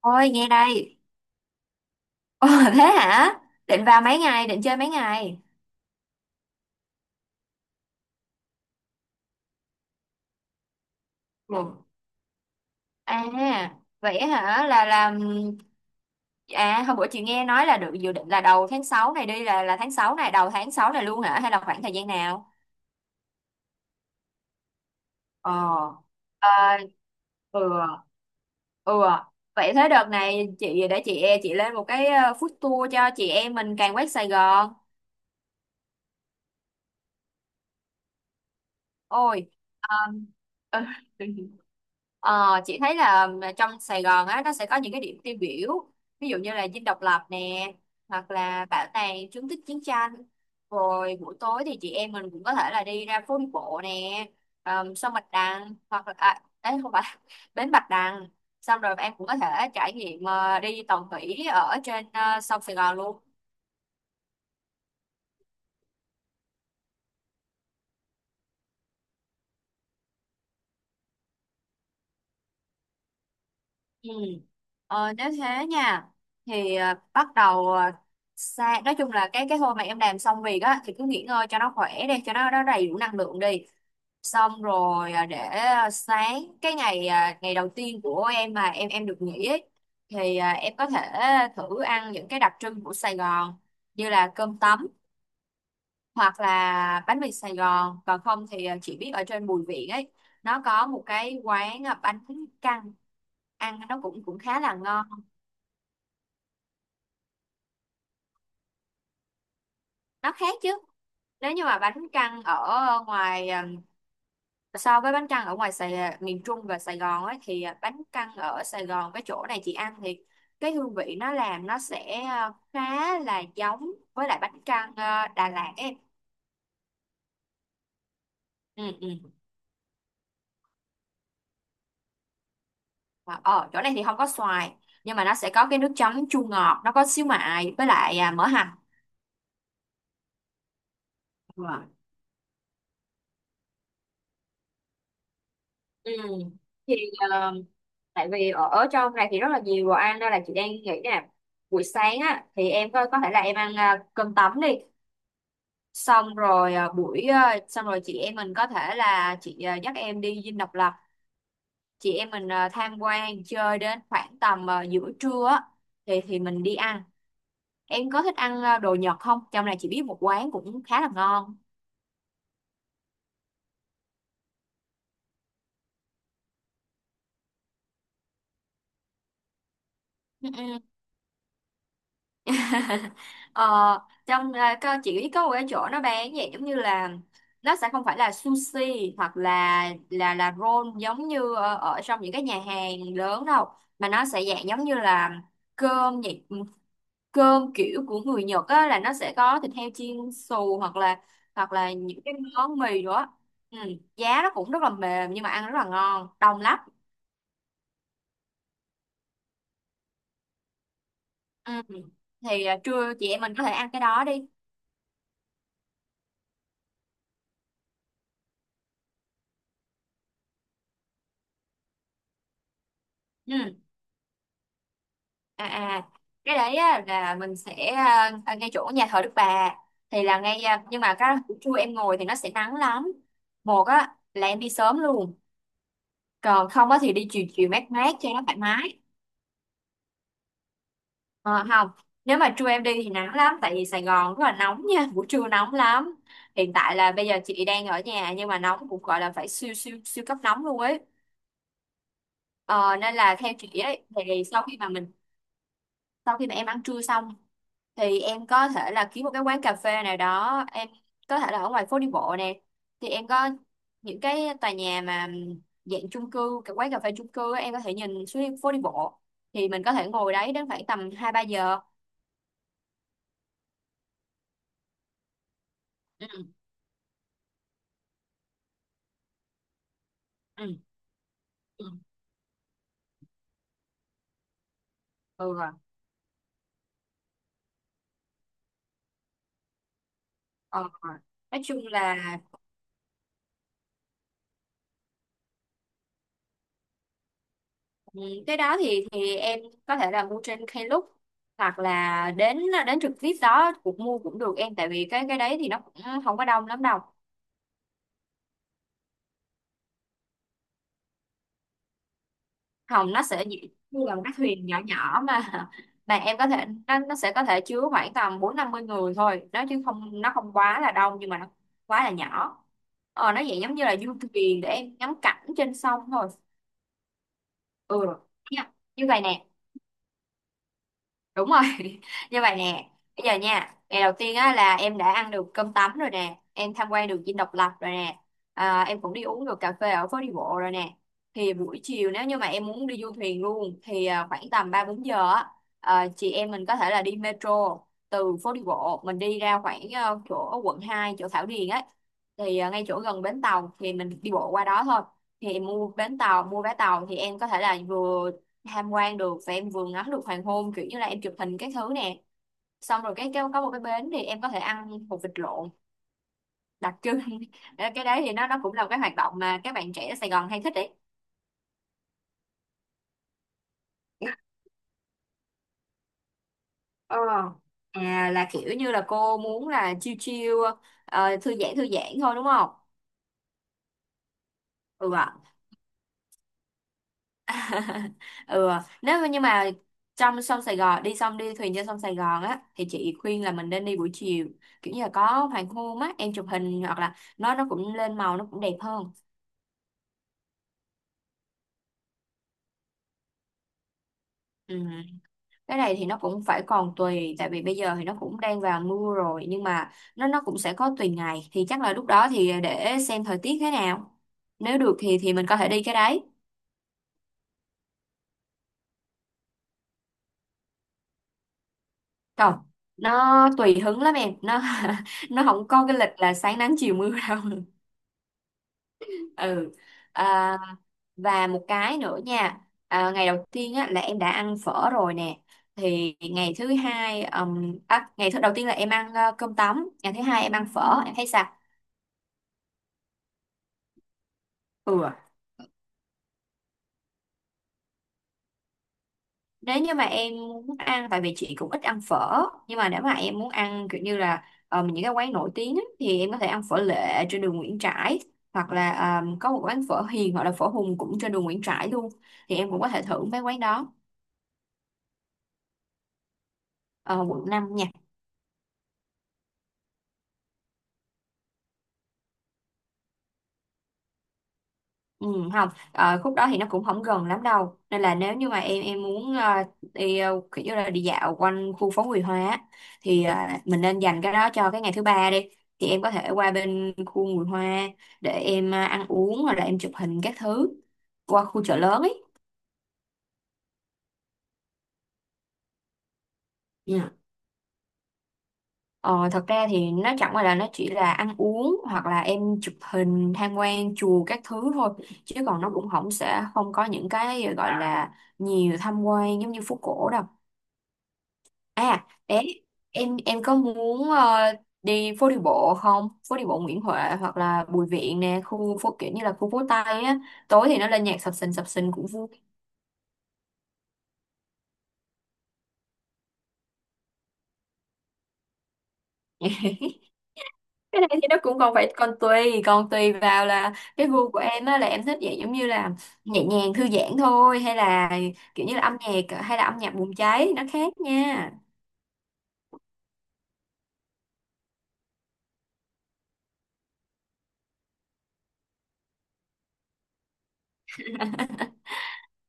Ôi nghe đây. Ồ, thế hả? Định vào mấy ngày, định chơi mấy ngày? Một. À, vậy hả? Là làm à hôm bữa chị nghe nói là được dự định là đầu tháng 6 này đi, là tháng 6 này, đầu tháng 6 này luôn hả, hay là khoảng thời gian nào? Ờ. Ờ ừ. Ừ. Vậy thế đợt này chị để chị lên một cái food tour cho chị em mình càng quét Sài Gòn. Ôi. Ờ, Ờ, chị thấy là trong Sài Gòn á nó sẽ có những cái điểm tiêu biểu, ví dụ như là Dinh Độc Lập nè, hoặc là Bảo tàng chứng tích chiến tranh, rồi buổi tối thì chị em mình cũng có thể là đi ra phố đi bộ nè, sông Bạch Đằng, hoặc là à, đấy không phải bến Bạch Đằng. Xong rồi em cũng có thể trải nghiệm đi tàu thủy ở trên sông Sài Gòn luôn. Ừ. Ờ, nếu thế nha, thì ờ, bắt đầu ờ, sa nói chung là cái hôm mà em làm xong việc á thì cứ nghỉ ngơi cho nó khỏe đi, cho nó đầy đủ năng lượng đi. Xong rồi sáng ngày đầu tiên của em mà em được nghỉ ấy, thì em có thể thử ăn những cái đặc trưng của Sài Gòn, như là cơm tấm, hoặc là bánh mì Sài Gòn, còn không thì chị biết ở trên Bùi Viện ấy, nó có một cái quán bánh căn ăn nó cũng cũng khá là ngon. Nó khác chứ, nếu như mà bánh căn ở ngoài, so với bánh căn ở ngoài Sài, miền Trung và Sài Gòn ấy, thì bánh căn ở Sài Gòn với chỗ này chị ăn thì cái hương vị nó làm nó sẽ khá là giống với lại bánh căn Đà Lạt ấy. Ừ, ừ. Mà ở chỗ này thì không có xoài, nhưng mà nó sẽ có cái nước chấm chua ngọt, nó có xíu mại với lại mỡ hành. Ừ. Thì ờ, tại vì ở trong này thì rất là nhiều đồ ăn, nên là chị đang nghĩ nè, buổi sáng á thì em có thể là em ăn cơm tấm đi. Xong rồi xong rồi chị em mình có thể là chị dắt em đi Dinh Độc Lập, chị em mình tham quan chơi đến khoảng tầm giữa trưa á, thì mình đi ăn. Em có thích ăn đồ Nhật không? Trong này chị biết một quán cũng khá là ngon. Ừ. Ờ, trong à, có chỉ có một cái chỗ nó bán vậy, giống như là nó sẽ không phải là sushi hoặc là là roll giống như ở trong những cái nhà hàng lớn đâu, mà nó sẽ dạng giống như là cơm vậy. Ừ, cơm kiểu của người Nhật á, là nó sẽ có thịt heo chiên xù, hoặc là những cái món mì nữa. Ừ, giá nó cũng rất là mềm, nhưng mà ăn rất là ngon, đông lắm. Ừ. Thì trưa chị em mình có thể ăn cái đó đi. Ừ. à à cái đấy á, là mình sẽ ngay chỗ nhà thờ Đức Bà, thì là ngay nhưng mà cái buổi trưa em ngồi thì nó sẽ nắng lắm. Một á là em đi sớm luôn, còn không á thì đi chiều chiều mát mát cho nó thoải mái. Ờ, không, nếu mà trưa em đi thì nắng lắm, tại vì Sài Gòn rất là nóng nha, buổi trưa nóng lắm. Hiện tại là bây giờ chị đang ở nhà, nhưng mà nóng cũng gọi là phải siêu siêu siêu cấp nóng luôn ấy. Ờ, nên là theo chị ấy thì sau khi mà mình, sau khi mà em ăn trưa xong thì em có thể là kiếm một cái quán cà phê nào đó, em có thể là ở ngoài phố đi bộ nè, thì em có những cái tòa nhà mà dạng chung cư, cái quán cà phê chung cư á, em có thể nhìn xuống phố đi bộ, thì mình có thể ngồi đấy đến khoảng tầm hai ba giờ. Ừ. Ừ. Ừ. Ừ rồi. Ờ rồi. Nói chung là ừ, cái đó thì em có thể là mua trên Klook, hoặc là đến đến trực tiếp đó cũng mua cũng được em, tại vì cái đấy thì nó cũng không có đông lắm đâu. Hồng, nó sẽ như là một cái thuyền nhỏ nhỏ mà, mà em có thể, nó sẽ có thể chứa khoảng tầm 40-50 người thôi, nó chứ không, nó không quá là đông, nhưng mà nó quá là nhỏ. Ờ, nó vậy giống như là du thuyền để em ngắm cảnh trên sông thôi. Ừ, nha, như vậy nè. Đúng rồi. Như vậy nè. Bây giờ nha, ngày đầu tiên á là em đã ăn được cơm tấm rồi nè, em tham quan được Dinh Độc Lập rồi nè, à, em cũng đi uống được cà phê ở phố đi bộ rồi nè. Thì buổi chiều, nếu như mà em muốn đi du thuyền luôn thì khoảng tầm ba bốn giờ á, chị em mình có thể là đi metro từ phố đi bộ mình đi ra khoảng chỗ quận hai, chỗ Thảo Điền ấy, thì ngay chỗ gần bến tàu thì mình đi bộ qua đó thôi. Thì em mua bến tàu, mua vé tàu thì em có thể là vừa tham quan được, và em vừa ngắm được hoàng hôn, kiểu như là em chụp hình các thứ nè. Xong rồi cái có một cái bến thì em có thể ăn hột vịt lộn đặc trưng. Cái đấy thì nó cũng là một cái hoạt động mà các bạn trẻ ở Sài Gòn hay thích đấy. Ờ. À là kiểu như là cô muốn là chill chill, ờ, thư giãn thôi đúng không? Ừ ạ. Ừ ạ. Nếu mà, nhưng mà trong sông Sài Gòn đi, xong đi thuyền trên sông Sài Gòn á, thì chị khuyên là mình nên đi buổi chiều, kiểu như là có hoàng hôn á, em chụp hình, hoặc là nó cũng lên màu, nó cũng đẹp hơn. Ừ. Cái này thì nó cũng phải còn tùy, tại vì bây giờ thì nó cũng đang vào mưa rồi, nhưng mà nó cũng sẽ có tùy ngày, thì chắc là lúc đó thì để xem thời tiết thế nào, nếu được thì mình có thể đi cái đấy. Còn nó tùy hứng lắm em, nó nó không có cái lịch là sáng nắng chiều mưa đâu. Ừ, à, và một cái nữa nha, ngày đầu tiên á, là em đã ăn phở rồi nè. Thì ngày thứ hai, ngày thứ đầu tiên là em ăn cơm tấm, ngày thứ hai em ăn phở, em thấy sao? Ừ. Nếu như mà em muốn ăn, tại vì chị cũng ít ăn phở, nhưng mà nếu mà em muốn ăn kiểu như là những cái quán nổi tiếng á, thì em có thể ăn phở Lệ trên đường Nguyễn Trãi, hoặc là có một quán phở Hiền, hoặc là phở Hùng cũng trên đường Nguyễn Trãi luôn, thì em cũng có thể thử mấy quán đó. Ờ, quận 5 nha. Ừ, không, ờ, khúc đó thì nó cũng không gần lắm đâu, nên là nếu như mà em muốn đi kiểu như là đi dạo quanh khu phố Nguyễn hoa á, thì mình nên dành cái đó cho cái ngày thứ ba đi, thì em có thể qua bên khu Nguyễn hoa, để em ăn uống, hoặc là em chụp hình các thứ, qua khu chợ lớn ấy. Dạ. Ờ, thật ra thì nó chẳng qua là nó chỉ là ăn uống, hoặc là em chụp hình, tham quan chùa các thứ thôi, chứ còn nó cũng không, sẽ không có những cái gọi là nhiều tham quan giống như phố cổ đâu. À, đấy, em có muốn đi phố đi bộ không? Phố đi bộ Nguyễn Huệ hoặc là Bùi Viện nè, khu phố kiểu như là khu phố Tây á. Tối thì nó lên nhạc sập sình cũng vui. Cái này thì nó cũng còn phải còn tùy vào là cái gu của em á, là em thích vậy giống như là nhẹ nhàng thư giãn thôi, hay là kiểu như là âm nhạc, hay là âm nhạc bùng cháy, nó khác nha.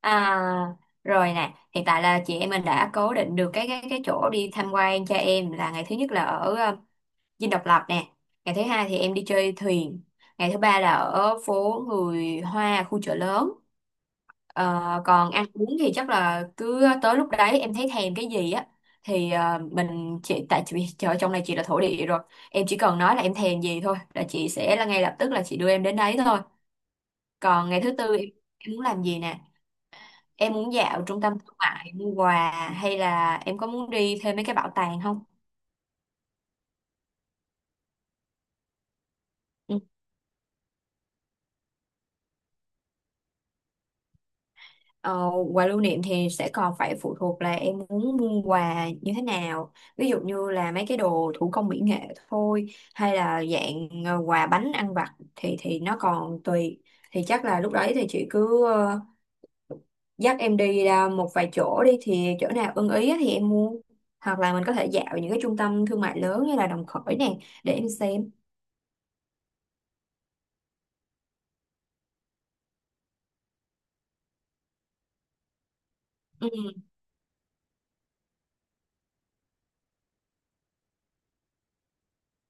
À rồi nè, hiện tại là chị em mình đã cố định được cái chỗ đi tham quan cho em. Là ngày thứ nhất là ở Dinh Độc Lập nè, ngày thứ hai thì em đi chơi thuyền, ngày thứ ba là ở phố người Hoa khu Chợ Lớn. Ờ, còn ăn uống thì chắc là cứ tới lúc đấy em thấy thèm cái gì á thì mình chỉ— tại vì chợ trong này chị là thổ địa rồi, em chỉ cần nói là em thèm gì thôi là chị sẽ là ngay lập tức là chị đưa em đến đấy thôi. Còn ngày thứ tư em muốn làm gì nè, em muốn dạo trung tâm thương mại mua quà hay là em có muốn đi thêm mấy cái bảo tàng không? Ừ. Ờ, quà lưu niệm thì sẽ còn phải phụ thuộc là em muốn mua quà như thế nào, ví dụ như là mấy cái đồ thủ công mỹ nghệ thôi, hay là dạng quà bánh ăn vặt thì nó còn tùy. Thì chắc là lúc đấy thì chị cứ dắt em đi ra một vài chỗ đi, thì chỗ nào ưng ý á thì em mua, hoặc là mình có thể dạo những cái trung tâm thương mại lớn như là Đồng Khởi nè để em xem. Ừ.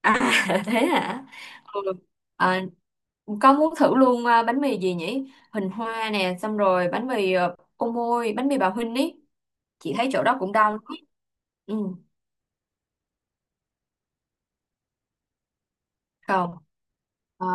À, thế hả? Ừ. À, có muốn thử luôn à, bánh mì gì nhỉ? Hình Hoa nè, xong rồi bánh mì à, Ô Môi, bánh mì bà Huynh ý. Chị thấy chỗ đó cũng đông ý. Ừ. Không. Ờ,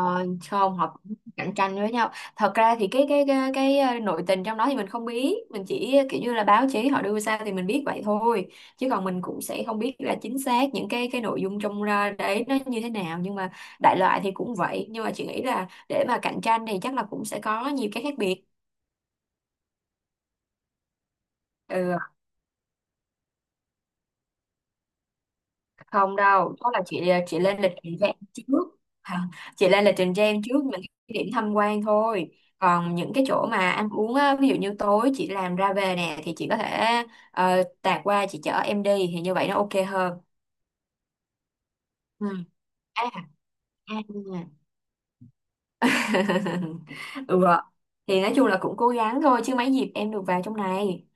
không, họ cũng cạnh tranh với nhau. Thật ra thì cái nội tình trong đó thì mình không biết, mình chỉ kiểu như là báo chí họ đưa ra thì mình biết vậy thôi, chứ còn mình cũng sẽ không biết là chính xác những cái nội dung trong ra đấy nó như thế nào, nhưng mà đại loại thì cũng vậy. Nhưng mà chị nghĩ là để mà cạnh tranh thì chắc là cũng sẽ có nhiều cái khác biệt. Ừ, không đâu, đó là chị lên lịch trình cho em trước. Hả? Chị lên lịch trình cho em trước những cái điểm tham quan thôi, còn những cái chỗ mà ăn uống á, ví dụ như tối chị làm ra về nè thì chị có thể tạt qua chị chở em đi, thì như vậy nó ok hơn. Ừ. À, à. ừ. Thì nói chung là cũng cố gắng thôi, chứ mấy dịp em được vào trong này.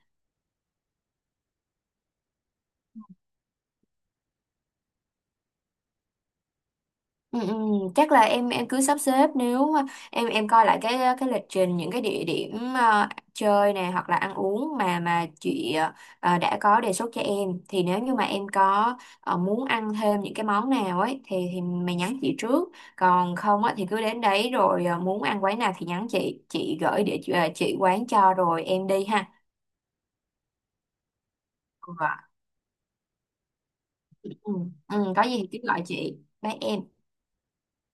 Ừ, ừ, chắc là em cứ sắp xếp, nếu mà em coi lại cái lịch trình những cái địa điểm chơi này hoặc là ăn uống, mà chị đã có đề xuất cho em, thì nếu như mà em có muốn ăn thêm những cái món nào ấy thì mày nhắn chị trước. Còn không á thì cứ đến đấy rồi, muốn ăn quán nào thì nhắn chị gửi địa chỉ— chị quán cho rồi em đi ha. Vâng. Ừ, ừ, có gì thì cứ gọi chị, bye em.